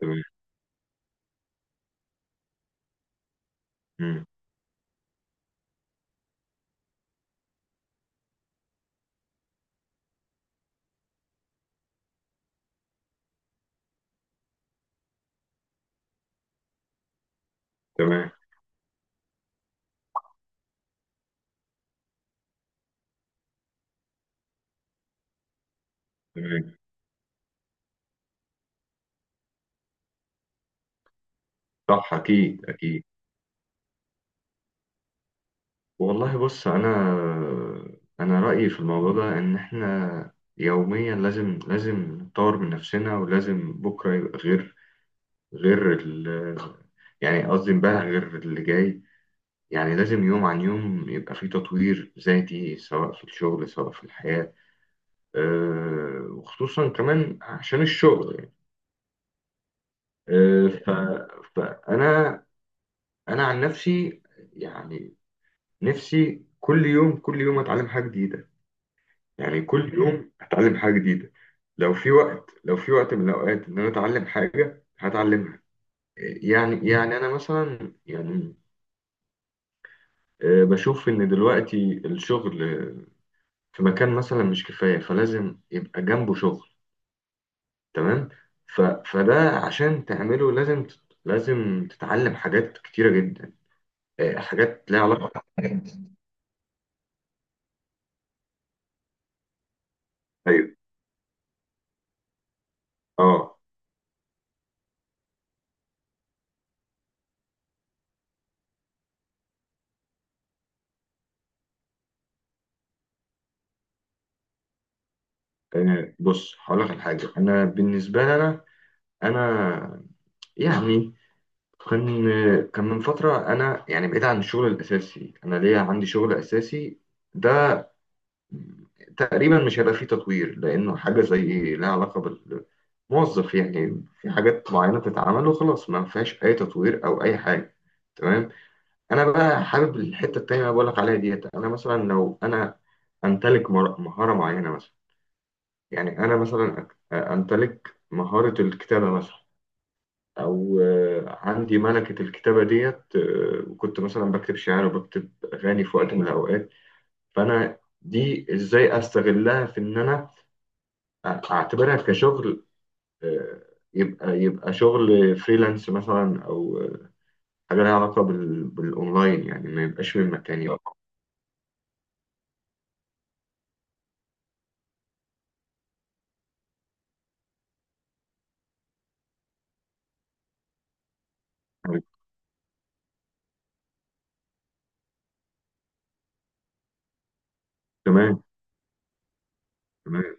تمام. مم. تمام تمام. صح، اكيد اكيد. والله، بص، انا رايي في الموضوع ده ان احنا يوميا لازم نطور من نفسنا، ولازم بكره يبقى غير غير ال يعني قصدي امبارح غير اللي جاي. يعني لازم يوم عن يوم يبقى في تطوير ذاتي، سواء في الشغل سواء في الحياه. وخصوصا كمان عشان الشغل يعني. أه ف... فانا عن نفسي. يعني نفسي كل يوم كل يوم اتعلم حاجه جديده. يعني كل يوم اتعلم حاجه جديده. لو في وقت من الاوقات ان انا اتعلم حاجه هتعلمها. يعني انا مثلا يعني بشوف ان دلوقتي الشغل في مكان مثلا مش كفايه، فلازم يبقى جنبه شغل. تمام. فده عشان تعمله، لازم تتعلم حاجات كتيره جدا. حاجات ليها علاقه ايوه. اه. بص، هقول لك على حاجه. انا بالنسبه لي، انا يعني كان كان من فتره، انا يعني بعيد عن الشغل الاساسي. انا ليا، عندي شغل اساسي ده تقريبا مش هيبقى فيه تطوير، لانه حاجه زي لها علاقه بالموظف. يعني في حاجات معينه بتتعمل وخلاص، ما فيهاش اي تطوير او اي حاجه. تمام. انا بقى حابب الحته التانيه اللي بقول لك عليها ديت. انا مثلا لو انا مهاره معينه مثلا. يعني انا مثلا، امتلك مهاره الكتابه مثلا، او عندي ملكة الكتابة ديت. وكنت مثلا بكتب شعر وبكتب اغاني في وقت من الاوقات. فانا دي ازاي استغلها في ان انا اعتبرها كشغل. آه، يبقى شغل فريلانس مثلا، او حاجة لها علاقة بالاونلاين، يعني ما يبقاش من مكان يبقى. تمام. تمام.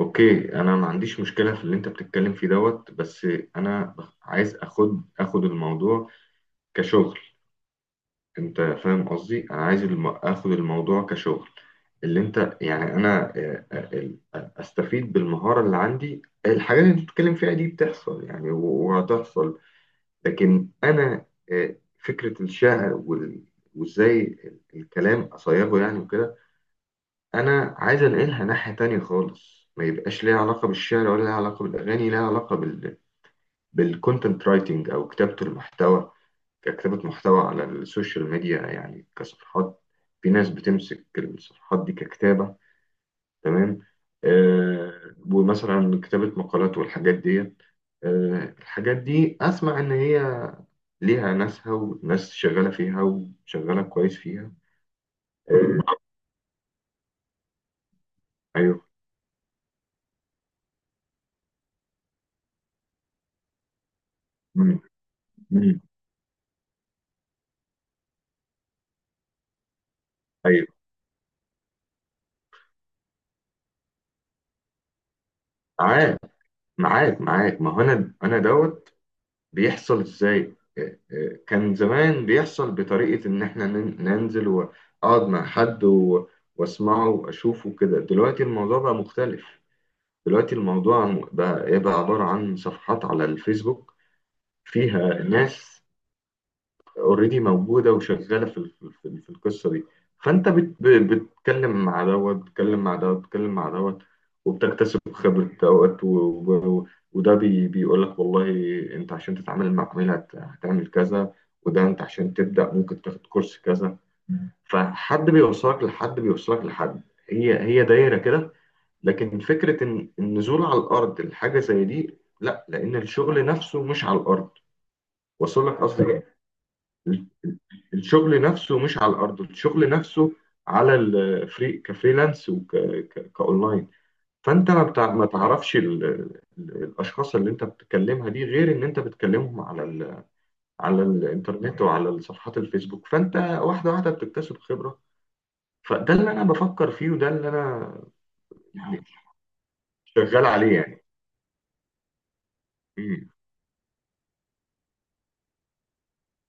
اوكي، انا ما عنديش مشكله في اللي انت بتتكلم فيه دوت. بس انا عايز اخد الموضوع كشغل. انت فاهم قصدي، انا عايز اخد الموضوع كشغل. اللي انت يعني انا استفيد بالمهارة اللي عندي. الحاجات اللي انت بتتكلم فيها دي بتحصل يعني وهتحصل. لكن انا فكرة الشعر وازاي الكلام اصيغه يعني، وكده. انا عايز انقلها ناحية تانية خالص، ما يبقاش ليها علاقة بالشعر ولا ليها علاقة بالاغاني، ليها علاقة بالكونتنت رايتنج، او كتابة المحتوى، ككتابة محتوى على السوشيال ميديا يعني، كصفحات. في ناس بتمسك الصفحات دي ككتابة. تمام. ومثلا كتابة مقالات والحاجات ديت. الحاجات دي أسمع إن هي ليها ناسها، وناس شغالة فيها وشغالة كويس فيها. آه أيوه. مم. مم. أيوه. معاك معاك معاك، ما هو أنا دوت. بيحصل ازاي، كان زمان بيحصل بطريقة ان احنا ننزل واقعد مع حد واسمعه واشوفه كده. دلوقتي الموضوع بقى مختلف. دلوقتي الموضوع بقى ايه، بقى عبارة عن صفحات على الفيسبوك، فيها ناس اوريدي موجوده وشغاله في القصه دي. فانت بتتكلم مع دوت، بتتكلم مع دوت، بتتكلم مع دوت، وبتكتسب خبره دوت وده بيقول لك والله انت عشان تتعامل مع عميل هتعمل كذا، وده انت عشان تبدا ممكن تاخد كورس كذا. فحد بيوصلك لحد بيوصلك لحد. هي هي دايره كده. لكن فكره ان النزول على الارض لحاجه زي دي لا، لان الشغل نفسه مش على الارض. وصل لك قصدي إيه؟ الشغل نفسه مش على الارض، الشغل نفسه على كفريلانس وكاونلاين. فانت ما تعرفش الاشخاص اللي انت بتكلمها دي، غير ان انت بتكلمهم على على الانترنت وعلى صفحات الفيسبوك، فانت واحده واحده بتكتسب خبره. فده اللي انا بفكر فيه، وده اللي انا يعني شغال عليه يعني. مم.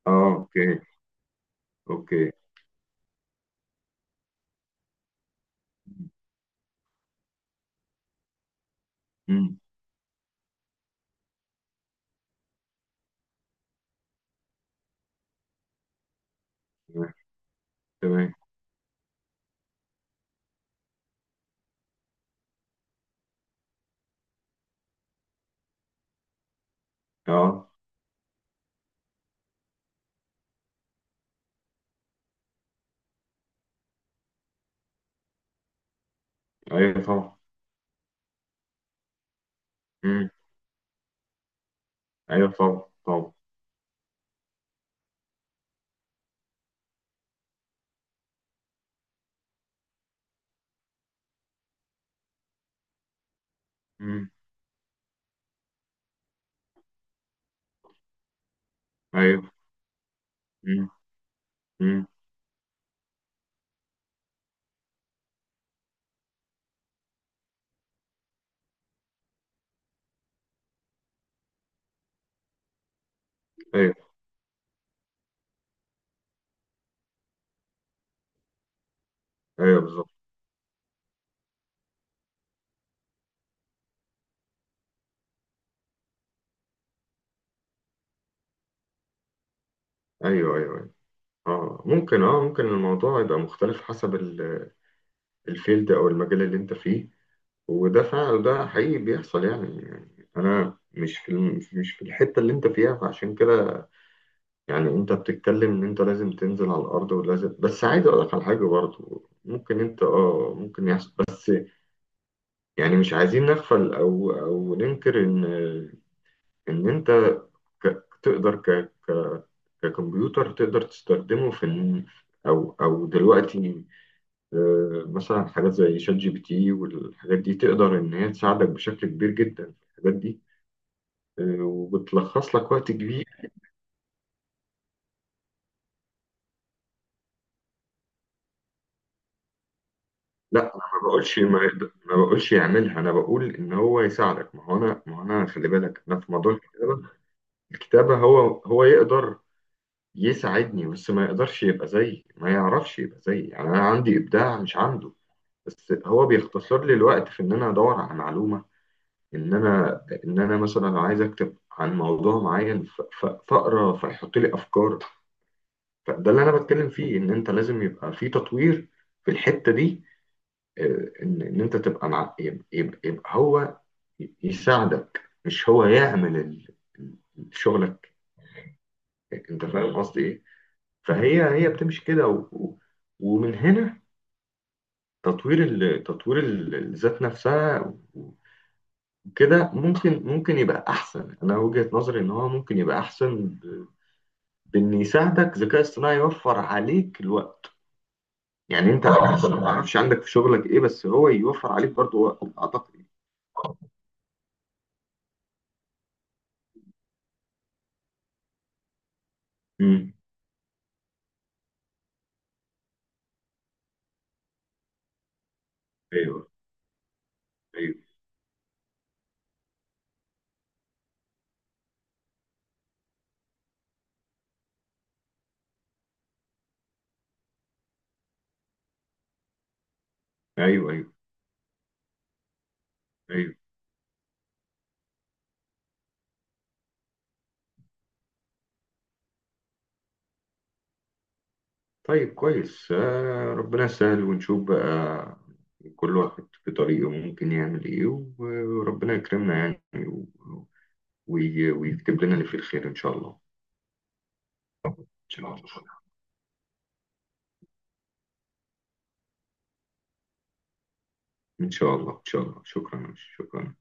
اه. اوكي اوكي. مم. تمام تمام. اه، ايوه طبعا. مم. ايوه، طبعا طبعا. مم. ايوه. مم. مم. ايوه بالظبط. ايوه ايوه ايوه. اه ممكن الموضوع يبقى مختلف حسب الفيلد او المجال اللي انت فيه. وده فعلا، ده حقيقي بيحصل يعني. يعني انا مش مش في الحته اللي انت فيها، فعشان كده يعني انت بتتكلم ان انت لازم تنزل على الارض ولازم، بس عايز اقول لك على حاجه برضه، ممكن انت ممكن يحصل بس، يعني مش عايزين نغفل او ننكر ان انت تقدر ككمبيوتر تقدر تستخدمه او دلوقتي مثلا حاجات زي شات GPT والحاجات دي تقدر إن هي تساعدك بشكل كبير جدا في الحاجات دي. وبتلخص لك وقت كبير. لا، أنا ما بقولش يعملها. أنا بقول إن هو يساعدك. ما هو أنا خلي بالك، أنا في موضوع الكتابة. الكتابة هو يقدر يساعدني. بس ما يقدرش يبقى زيي، ما يعرفش يبقى زيي، يعني أنا عندي إبداع مش عنده. بس هو بيختصر لي الوقت في إن أنا أدور على معلومة. ان انا مثلا لو عايز اكتب عن موضوع معين فاقرا، فيحط لي افكار. فده اللي انا بتكلم فيه، ان انت لازم يبقى في تطوير في الحته دي. ان انت تبقى مع، يبقى هو يساعدك، مش هو يعمل ال- شغلك. انت فاهم قصدي ايه. فهي هي بتمشي كده ومن هنا تطوير الذات نفسها. وكده ممكن، يبقى احسن. انا وجهة نظري ان هو ممكن يبقى احسن بإن يساعدك ذكاء اصطناعي، يوفر عليك الوقت. يعني أنت مثلا، ما أعرفش عندك في شغلك إيه، بس هو يوفر عليك برضو وقت أعتقد. امم أيوه أيوه أيوه أيوه أيوه. طيب، كويس، ربنا يسهل ونشوف بقى. كل واحد في طريقه ممكن يعمل إيه، وربنا يكرمنا يعني، ويكتب لنا اللي فيه الخير إن شاء الله. إن شاء الله إن شاء الله. إن شاء الله. شكرا شكرا.